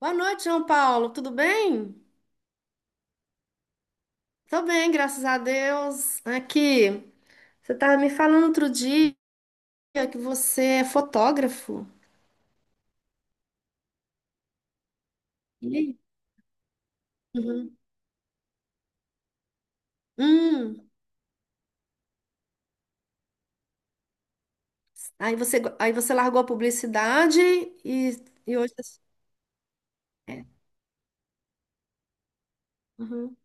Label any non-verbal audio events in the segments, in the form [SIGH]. Boa noite, João Paulo. Tudo bem? Tô bem, graças a Deus. Aqui, você estava me falando outro dia que você é fotógrafo. E aí? Uhum. Hum. Aí você largou a publicidade e, e hoje tá assim. É. Uhum.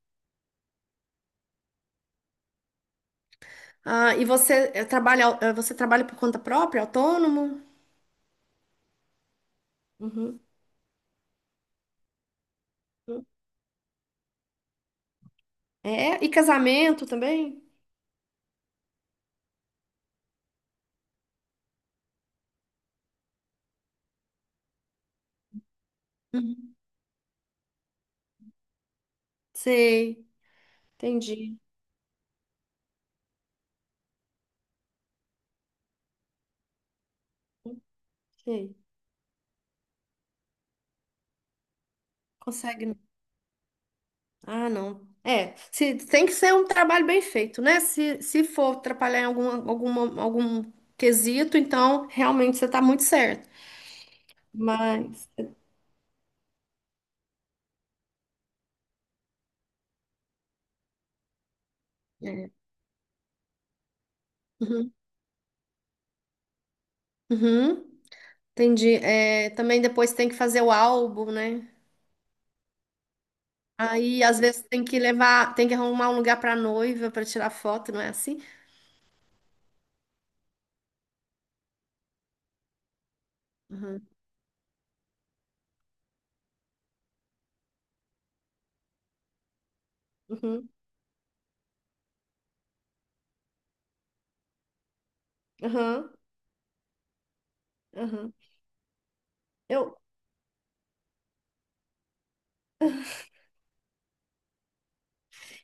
Ah, e você trabalha por conta própria, autônomo? Uhum. É, e casamento também? Uhum. Sei, entendi. Sei. Consegue. Ah, não. É, se, tem que ser um trabalho bem feito, né? Se for atrapalhar em algum quesito, então realmente você está muito certo. Mas. É. Uhum, uhum, entendi. É, também depois tem que fazer o álbum, né? Aí às vezes tem que arrumar um lugar para noiva para tirar foto, não é assim? Uhum, uhum, uhum, uhum. Eu.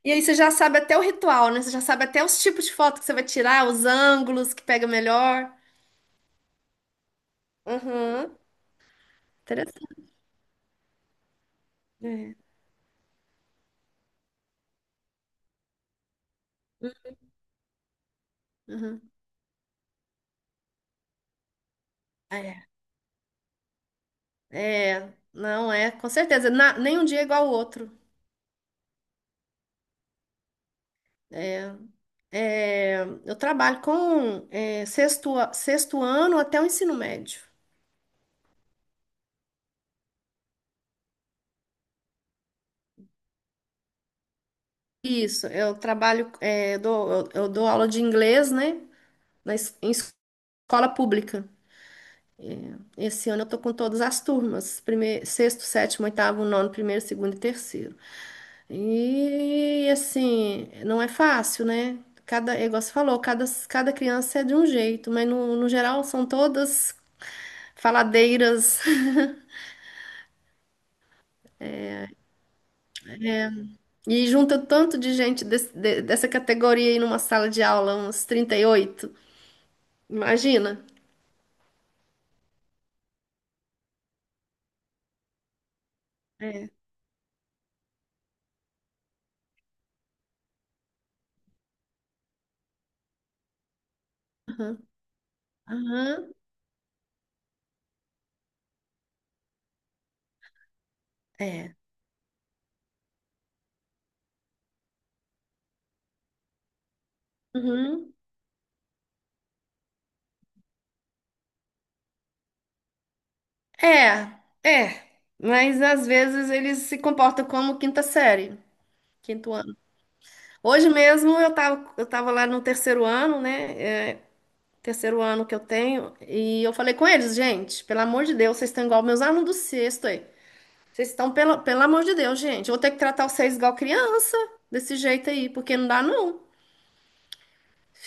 E aí você já sabe até o ritual, né? Você já sabe até os tipos de foto que você vai tirar, os ângulos que pega melhor. Uhum. Interessante. É. Uhum. É, é, não é, com certeza. Nenhum dia é igual ao outro. É, é, eu trabalho com sexto ano até o ensino médio. Isso, eu trabalho, é, eu dou aula de inglês, né, em escola pública. Esse ano eu tô com todas as turmas, primeiro, sexto, sétimo, oitavo, nono, primeiro, segundo e terceiro. E assim, não é fácil, né? É igual você falou, cada criança é de um jeito, mas no geral são todas faladeiras. [LAUGHS] E junta tanto de gente dessa categoria aí numa sala de aula, uns 38. Imagina. É. Aham. É. Uhum. É, é. Mas às vezes eles se comportam como quinta série, quinto ano. Hoje mesmo eu tava lá no terceiro ano, né? É, terceiro ano que eu tenho, e eu falei com eles, gente, pelo amor de Deus, vocês estão igual meus alunos do sexto aí. Vocês estão, pelo amor de Deus, gente, eu vou ter que tratar vocês igual criança, desse jeito aí, porque não dá não.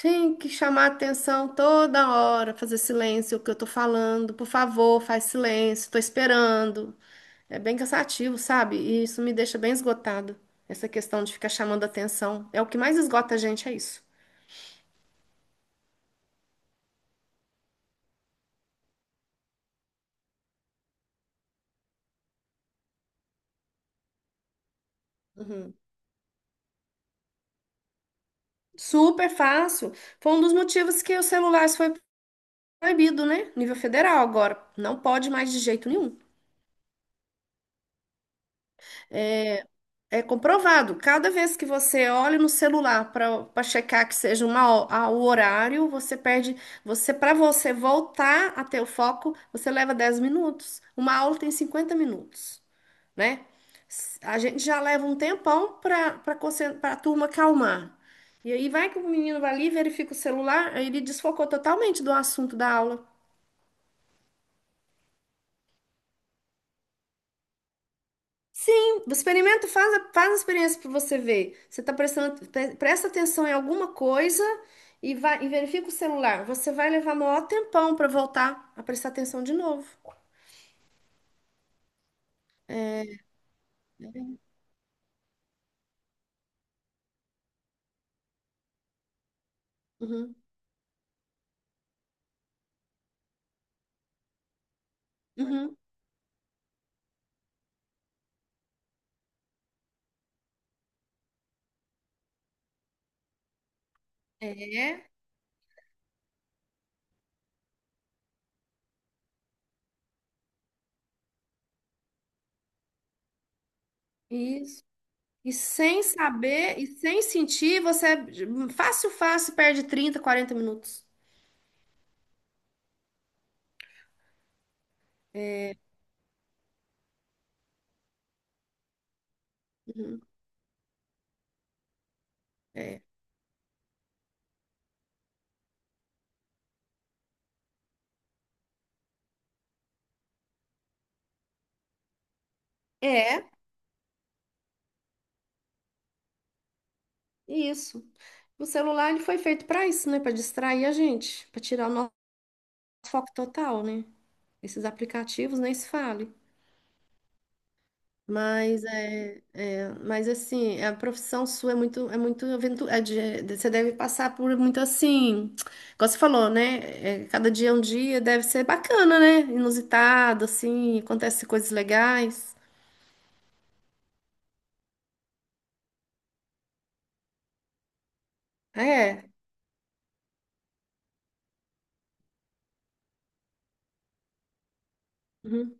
Tem que chamar atenção toda hora, fazer silêncio o que eu tô falando. Por favor, faz silêncio, tô esperando. É bem cansativo, sabe? E isso me deixa bem esgotado. Essa questão de ficar chamando atenção. É o que mais esgota a gente, é isso. Uhum. Super fácil. Foi um dos motivos que os celulares foi proibido, né? Nível federal agora. Não pode mais de jeito nenhum. É é comprovado. Cada vez que você olha no celular para checar que seja o horário, você perde. Para você voltar a ter o foco, você leva 10 minutos. Uma aula tem 50 minutos, né? A gente já leva um tempão para a turma calmar. E aí vai que o menino vai ali, verifica o celular, aí ele desfocou totalmente do assunto da aula. Sim, experimenta, faz a experiência para você ver. Você está presta atenção em alguma coisa e vai e verifica o celular. Você vai levar maior tempão para voltar a prestar atenção de novo. Uhum. Uhum. É, isso. E sem saber e sem sentir, você fácil, fácil perde 30, 40 minutos. Uhum. É. É, isso. O celular ele foi feito para isso, né? Para distrair a gente, para tirar o nosso foco total, né? Esses aplicativos nem se fala. Mas assim, a profissão sua é muito, aventura, você deve passar por muito assim, como você falou, né? É, cada dia é um dia, deve ser bacana, né? Inusitado, assim, acontece coisas legais. É. Uhum,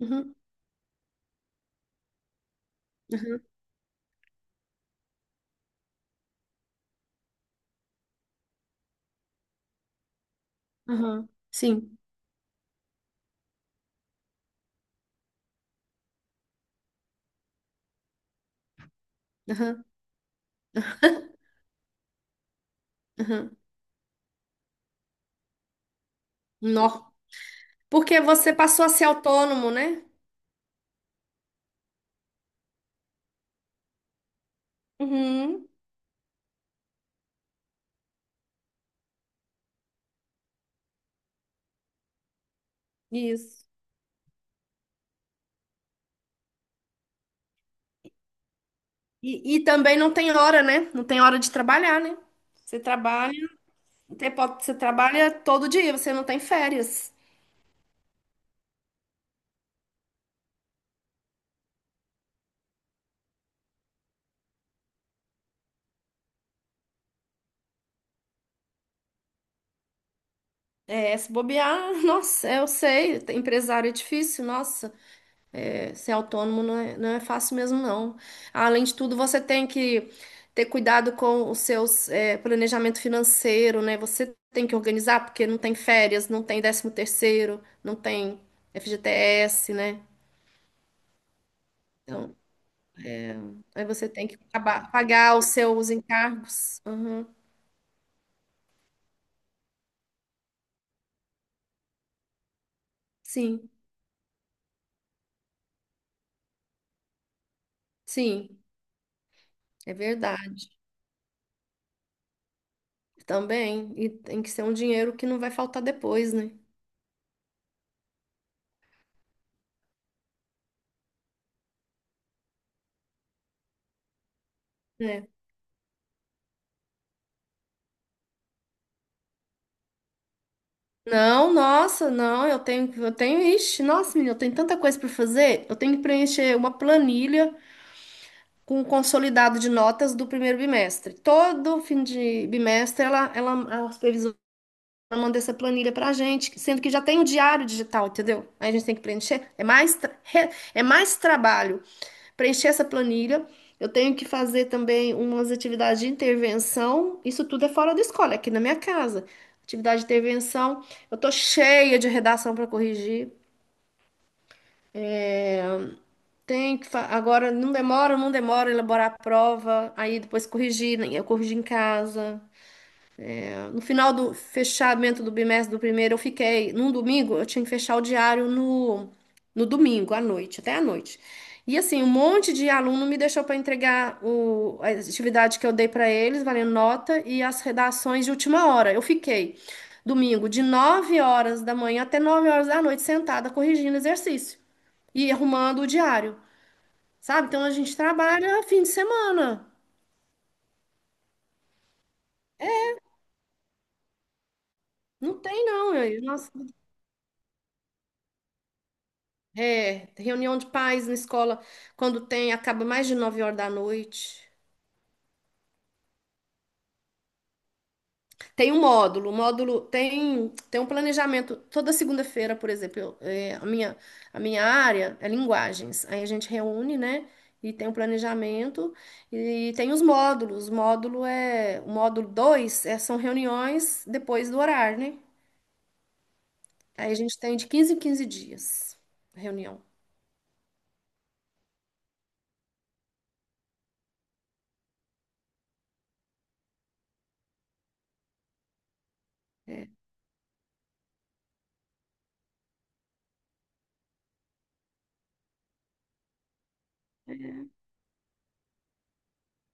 uhum, uhum, uhum. Sim. Uhum, uhum. Nó. Porque você passou a ser autônomo, né? Uhum, isso. E também não tem hora, né? Não tem hora de trabalhar, né? Você trabalha. Você trabalha todo dia, você não tem férias. É, se bobear, [LAUGHS] nossa, eu sei, ter empresário é difícil, nossa, ser autônomo não é fácil mesmo, não. Além de tudo, você tem que ter cuidado com os seus, planejamento financeiro, né? Você tem que organizar, porque não tem férias, não tem décimo terceiro, não tem FGTS, né? Então, aí você tem que pagar os seus encargos. Uhum. Sim, sim, é verdade. Também, e tem que ser um dinheiro que não vai faltar depois, né? É. Não, nossa, não, eu tenho, ixi, nossa, menina, eu tenho tanta coisa para fazer. Eu tenho que preencher uma planilha com o consolidado de notas do primeiro bimestre. Todo fim de bimestre, a supervisora manda essa planilha pra gente, sendo que já tem o diário digital, entendeu? Aí a gente tem que preencher. É mais trabalho preencher essa planilha. Eu tenho que fazer também umas atividades de intervenção. Isso tudo é fora da escola, é aqui na minha casa. Atividade de intervenção. Eu tô cheia de redação para corrigir. Tenho que agora não demora elaborar a prova, aí depois corrigir, né? Eu corrijo em casa. No final do fechamento do bimestre do primeiro, eu fiquei. Num domingo, eu tinha que fechar o diário no domingo, à noite, até à noite. E assim, um monte de aluno me deixou para entregar a atividade que eu dei para eles, valendo nota, e as redações de última hora. Eu fiquei domingo de 9 horas da manhã até 9 horas da noite, sentada, corrigindo exercício e arrumando o diário, sabe? Então a gente trabalha fim de semana. Não tem, não. Nossa. É, reunião de pais na escola, quando tem, acaba mais de 9 horas da noite. Tem um módulo, o módulo tem um planejamento. Toda segunda-feira, por exemplo, a minha área é linguagens. Aí a gente reúne, né? E tem um planejamento e tem os módulos. O módulo 2 é, são reuniões depois do horário, né? Aí a gente tem de 15 em 15 dias a reunião.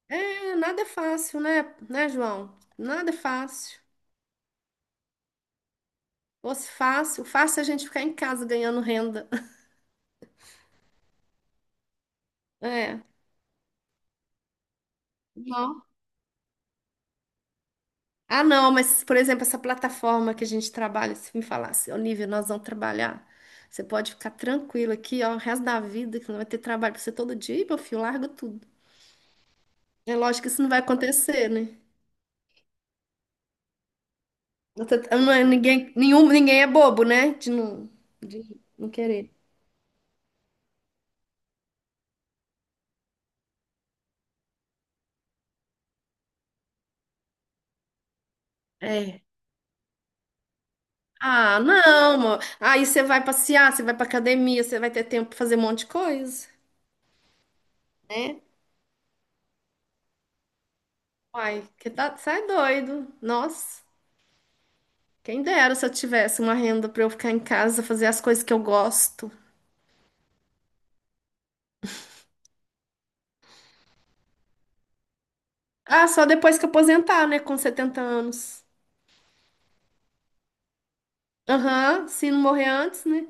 É, nada é fácil, né? Né, João? Nada é fácil. Fosse fácil, fácil a gente ficar em casa ganhando renda. [LAUGHS] É. Não. Ah, não, mas, por exemplo, essa plataforma que a gente trabalha, se me falasse, Olivia, nós vamos trabalhar. Você pode ficar tranquilo aqui, ó, o resto da vida, que não vai ter trabalho pra você todo dia, e meu filho, larga tudo. É lógico que isso não vai acontecer, né? Não é ninguém, ninguém é bobo, né? de não, querer. É. Ah, não, amor. Aí você vai passear, você vai pra academia, você vai ter tempo pra fazer um monte de coisa, né? Uai, que tá, sai doido. Nossa, quem dera se eu tivesse uma renda pra eu ficar em casa, fazer as coisas que eu gosto. Ah, só depois que eu aposentar, né? Com 70 anos. Aham, se não morrer antes, né?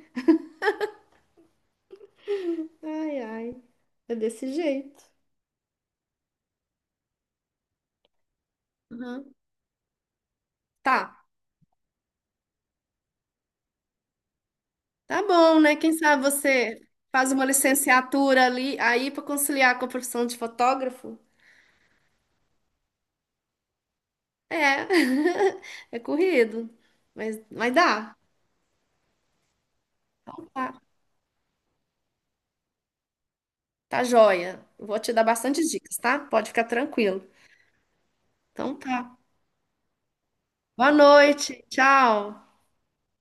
Ai, ai, é desse jeito. Aham. Tá, tá bom, né? Quem sabe você faz uma licenciatura ali, aí pra conciliar com a profissão de fotógrafo? É, [LAUGHS] é corrido, mas dá. Então tá. Tá joia. Eu vou te dar bastante dicas, tá? Pode ficar tranquilo. Então tá. Boa noite. Tchau.